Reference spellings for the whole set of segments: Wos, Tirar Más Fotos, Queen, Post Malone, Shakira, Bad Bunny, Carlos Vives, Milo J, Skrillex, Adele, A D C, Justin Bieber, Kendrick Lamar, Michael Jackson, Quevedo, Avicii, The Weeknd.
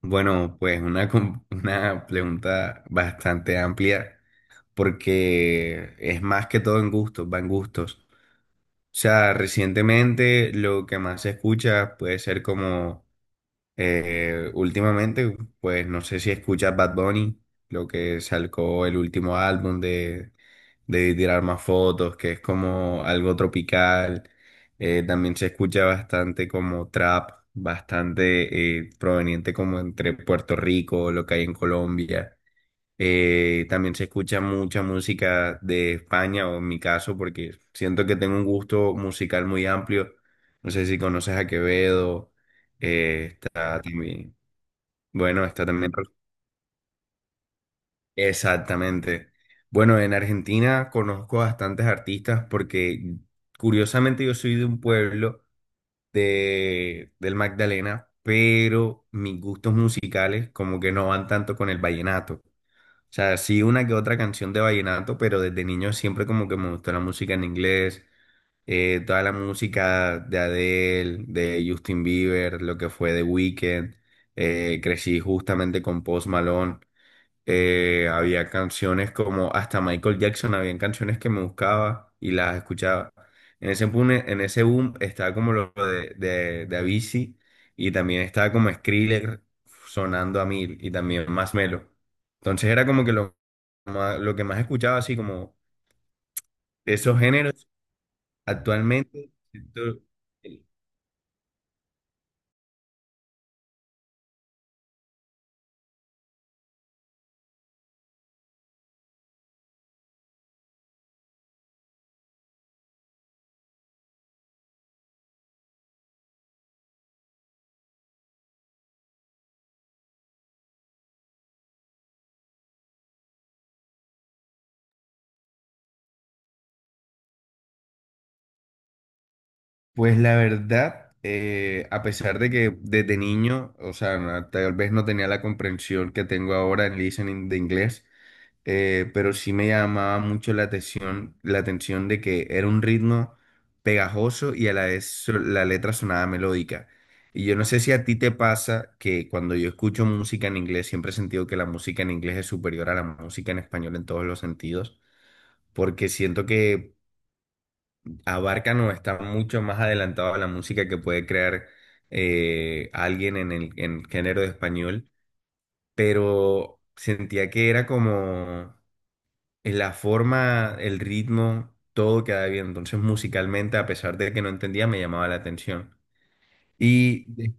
Bueno, pues una, una pregunta bastante amplia porque es más que todo en gustos, va en gustos. O sea, recientemente lo que más se escucha puede ser como últimamente, pues no sé si escuchas Bad Bunny, lo que sacó el último álbum de Tirar Más Fotos, que es como algo tropical. También se escucha bastante como trap, bastante proveniente como entre Puerto Rico, lo que hay en Colombia. También se escucha mucha música de España, o en mi caso, porque siento que tengo un gusto musical muy amplio. No sé si conoces a Quevedo, está también, bueno, está también... Exactamente. Bueno, en Argentina conozco bastantes artistas porque curiosamente yo soy de un pueblo del Magdalena, pero mis gustos musicales como que no van tanto con el vallenato. O sea, sí una que otra canción de vallenato, pero desde niño siempre como que me gustó la música en inglés, toda la música de Adele, de Justin Bieber, lo que fue The Weeknd, crecí justamente con Post Malone. Había canciones como hasta Michael Jackson, habían canciones que me buscaba y las escuchaba. En ese boom estaba como lo de Avicii y también estaba como Skrillex sonando a mil y también más Melo. Entonces era como que lo, lo que más escuchaba, así como esos géneros actualmente. Pues la verdad, a pesar de que desde niño, o sea, tal vez no tenía la comprensión que tengo ahora en listening de inglés, pero sí me llamaba mucho la atención de que era un ritmo pegajoso y a la vez la letra sonaba melódica. Y yo no sé si a ti te pasa que cuando yo escucho música en inglés, siempre he sentido que la música en inglés es superior a la música en español en todos los sentidos, porque siento que abarcan o están mucho más adelantados a la música que puede crear alguien en el género de español, pero sentía que era como la forma, el ritmo, todo quedaba bien. Entonces, musicalmente, a pesar de que no entendía, me llamaba la atención. Y de-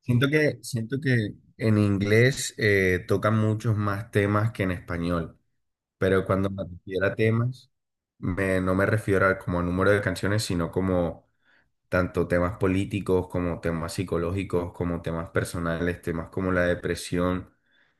Siento que, siento que en inglés tocan muchos más temas que en español, pero cuando me refiero a temas, no me refiero a como número de canciones, sino como tanto temas políticos como temas psicológicos, como temas personales, temas como la depresión,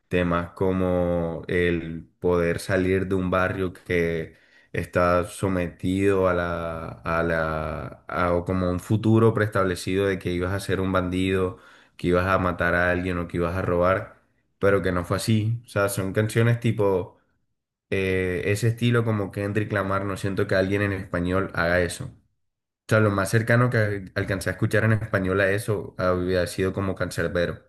temas como el poder salir de un barrio que está sometido a o como un futuro preestablecido de que ibas a ser un bandido, que ibas a matar a alguien o que ibas a robar, pero que no fue así. O sea, son canciones tipo ese estilo como Kendrick Lamar, no siento que alguien en español haga eso. O sea, lo más cercano que alcancé a escuchar en español a eso había sido como cancerbero.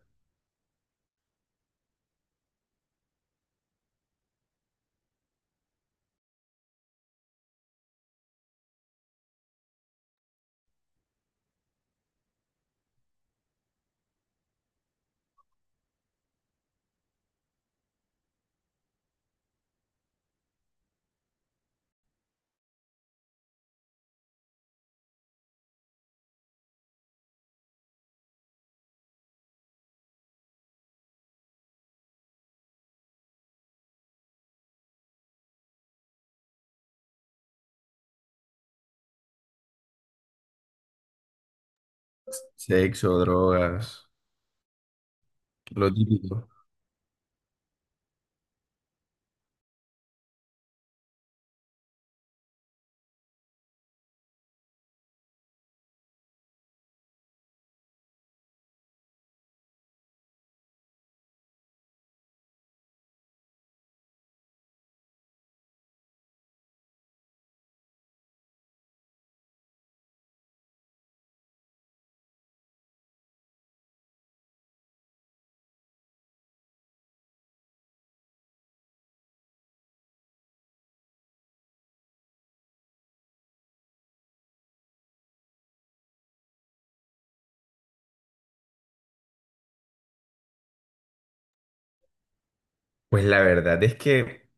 Sexo, drogas, lo típico. Pues la verdad es que,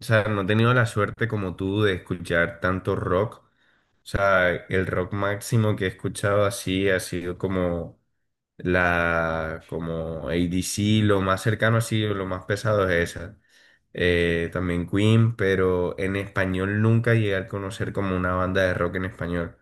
o sea, no he tenido la suerte como tú de escuchar tanto rock. O sea, el rock máximo que he escuchado así ha sido como la, como ADC lo más cercano así, lo más pesado es esa. También Queen, pero en español nunca llegué a conocer como una banda de rock en español.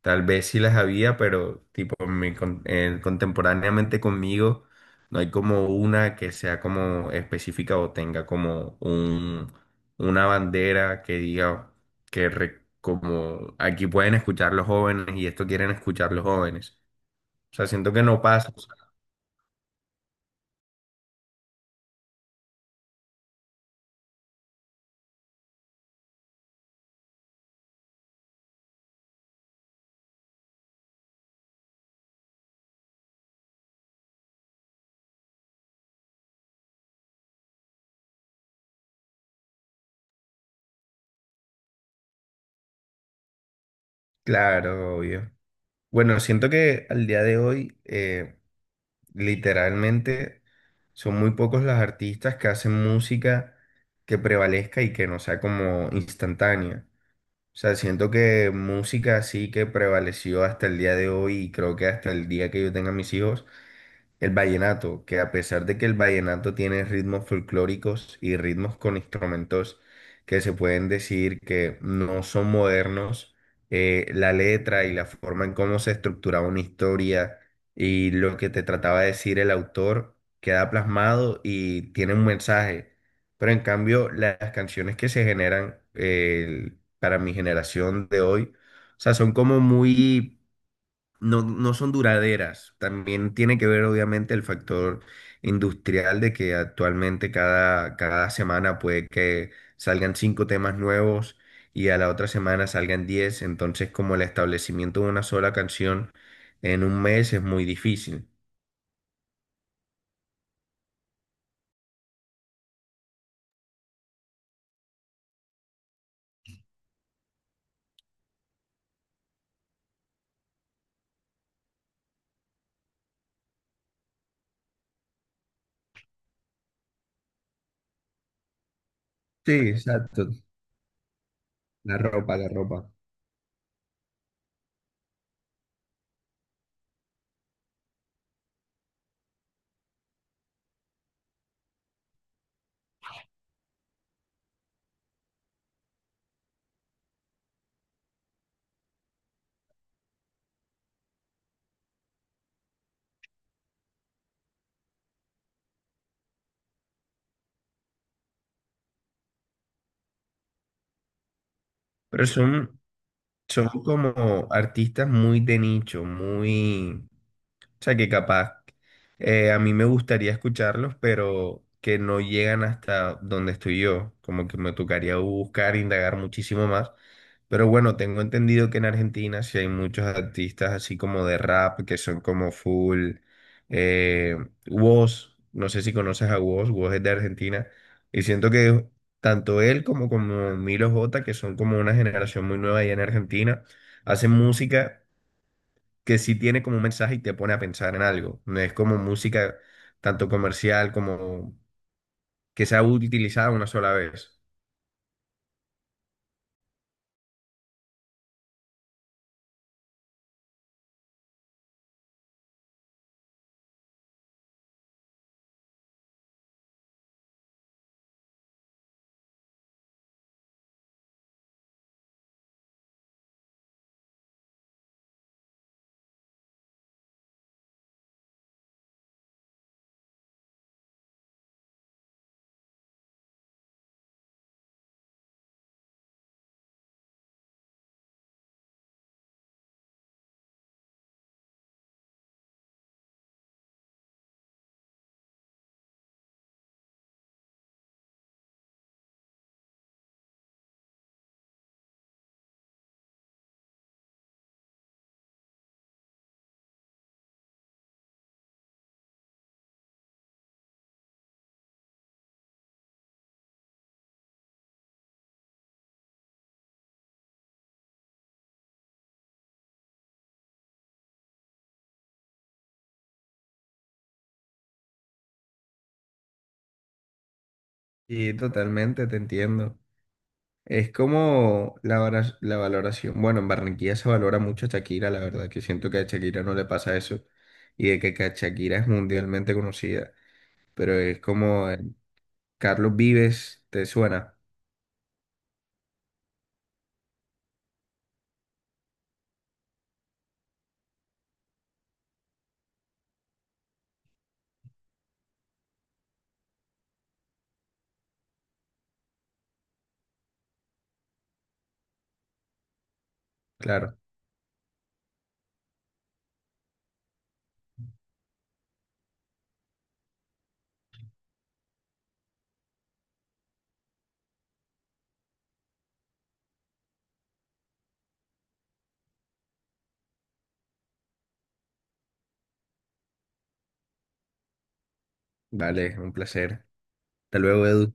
Tal vez sí las había, pero tipo contemporáneamente conmigo no hay como una que sea como específica o tenga como un, una bandera que diga como aquí pueden escuchar los jóvenes y esto quieren escuchar los jóvenes. O sea, siento que no pasa. O sea, claro, obvio. Bueno, siento que al día de hoy, literalmente, son muy pocos los artistas que hacen música que prevalezca y que no sea como instantánea. O sea, siento que música así que prevaleció hasta el día de hoy y creo que hasta el día que yo tenga mis hijos el vallenato, que a pesar de que el vallenato tiene ritmos folclóricos y ritmos con instrumentos que se pueden decir que no son modernos, la letra y la forma en cómo se estructuraba una historia y lo que te trataba de decir el autor queda plasmado y tiene un mensaje. Pero en cambio, las canciones que se generan para mi generación de hoy, o sea, son como muy no, no son duraderas. También tiene que ver, obviamente, el factor industrial de que actualmente cada semana puede que salgan 5 temas nuevos y a la otra semana salgan 10. Entonces, como el establecimiento de una sola canción en un mes es muy difícil. Sí, exacto. La ropa, la ropa. Pero son, son como artistas muy de nicho, muy... O sea, que capaz a mí me gustaría escucharlos, pero que no llegan hasta donde estoy yo. Como que me tocaría buscar, indagar muchísimo más. Pero bueno, tengo entendido que en Argentina sí hay muchos artistas así como de rap, que son como full. Eh, Wos, no sé si conoces a Wos, Wos es de Argentina. Y siento que tanto él como, como Milo J, que son como una generación muy nueva allá en Argentina, hacen música que sí tiene como un mensaje y te pone a pensar en algo. No es como música tanto comercial como que sea utilizada una sola vez. Y totalmente te entiendo. Es como la valoración. Bueno, en Barranquilla se valora mucho a Shakira, la verdad, que siento que a Shakira no le pasa eso y de que Shakira es mundialmente conocida. Pero es como Carlos Vives, ¿te suena? Claro. Vale, un placer. Hasta luego, Edu.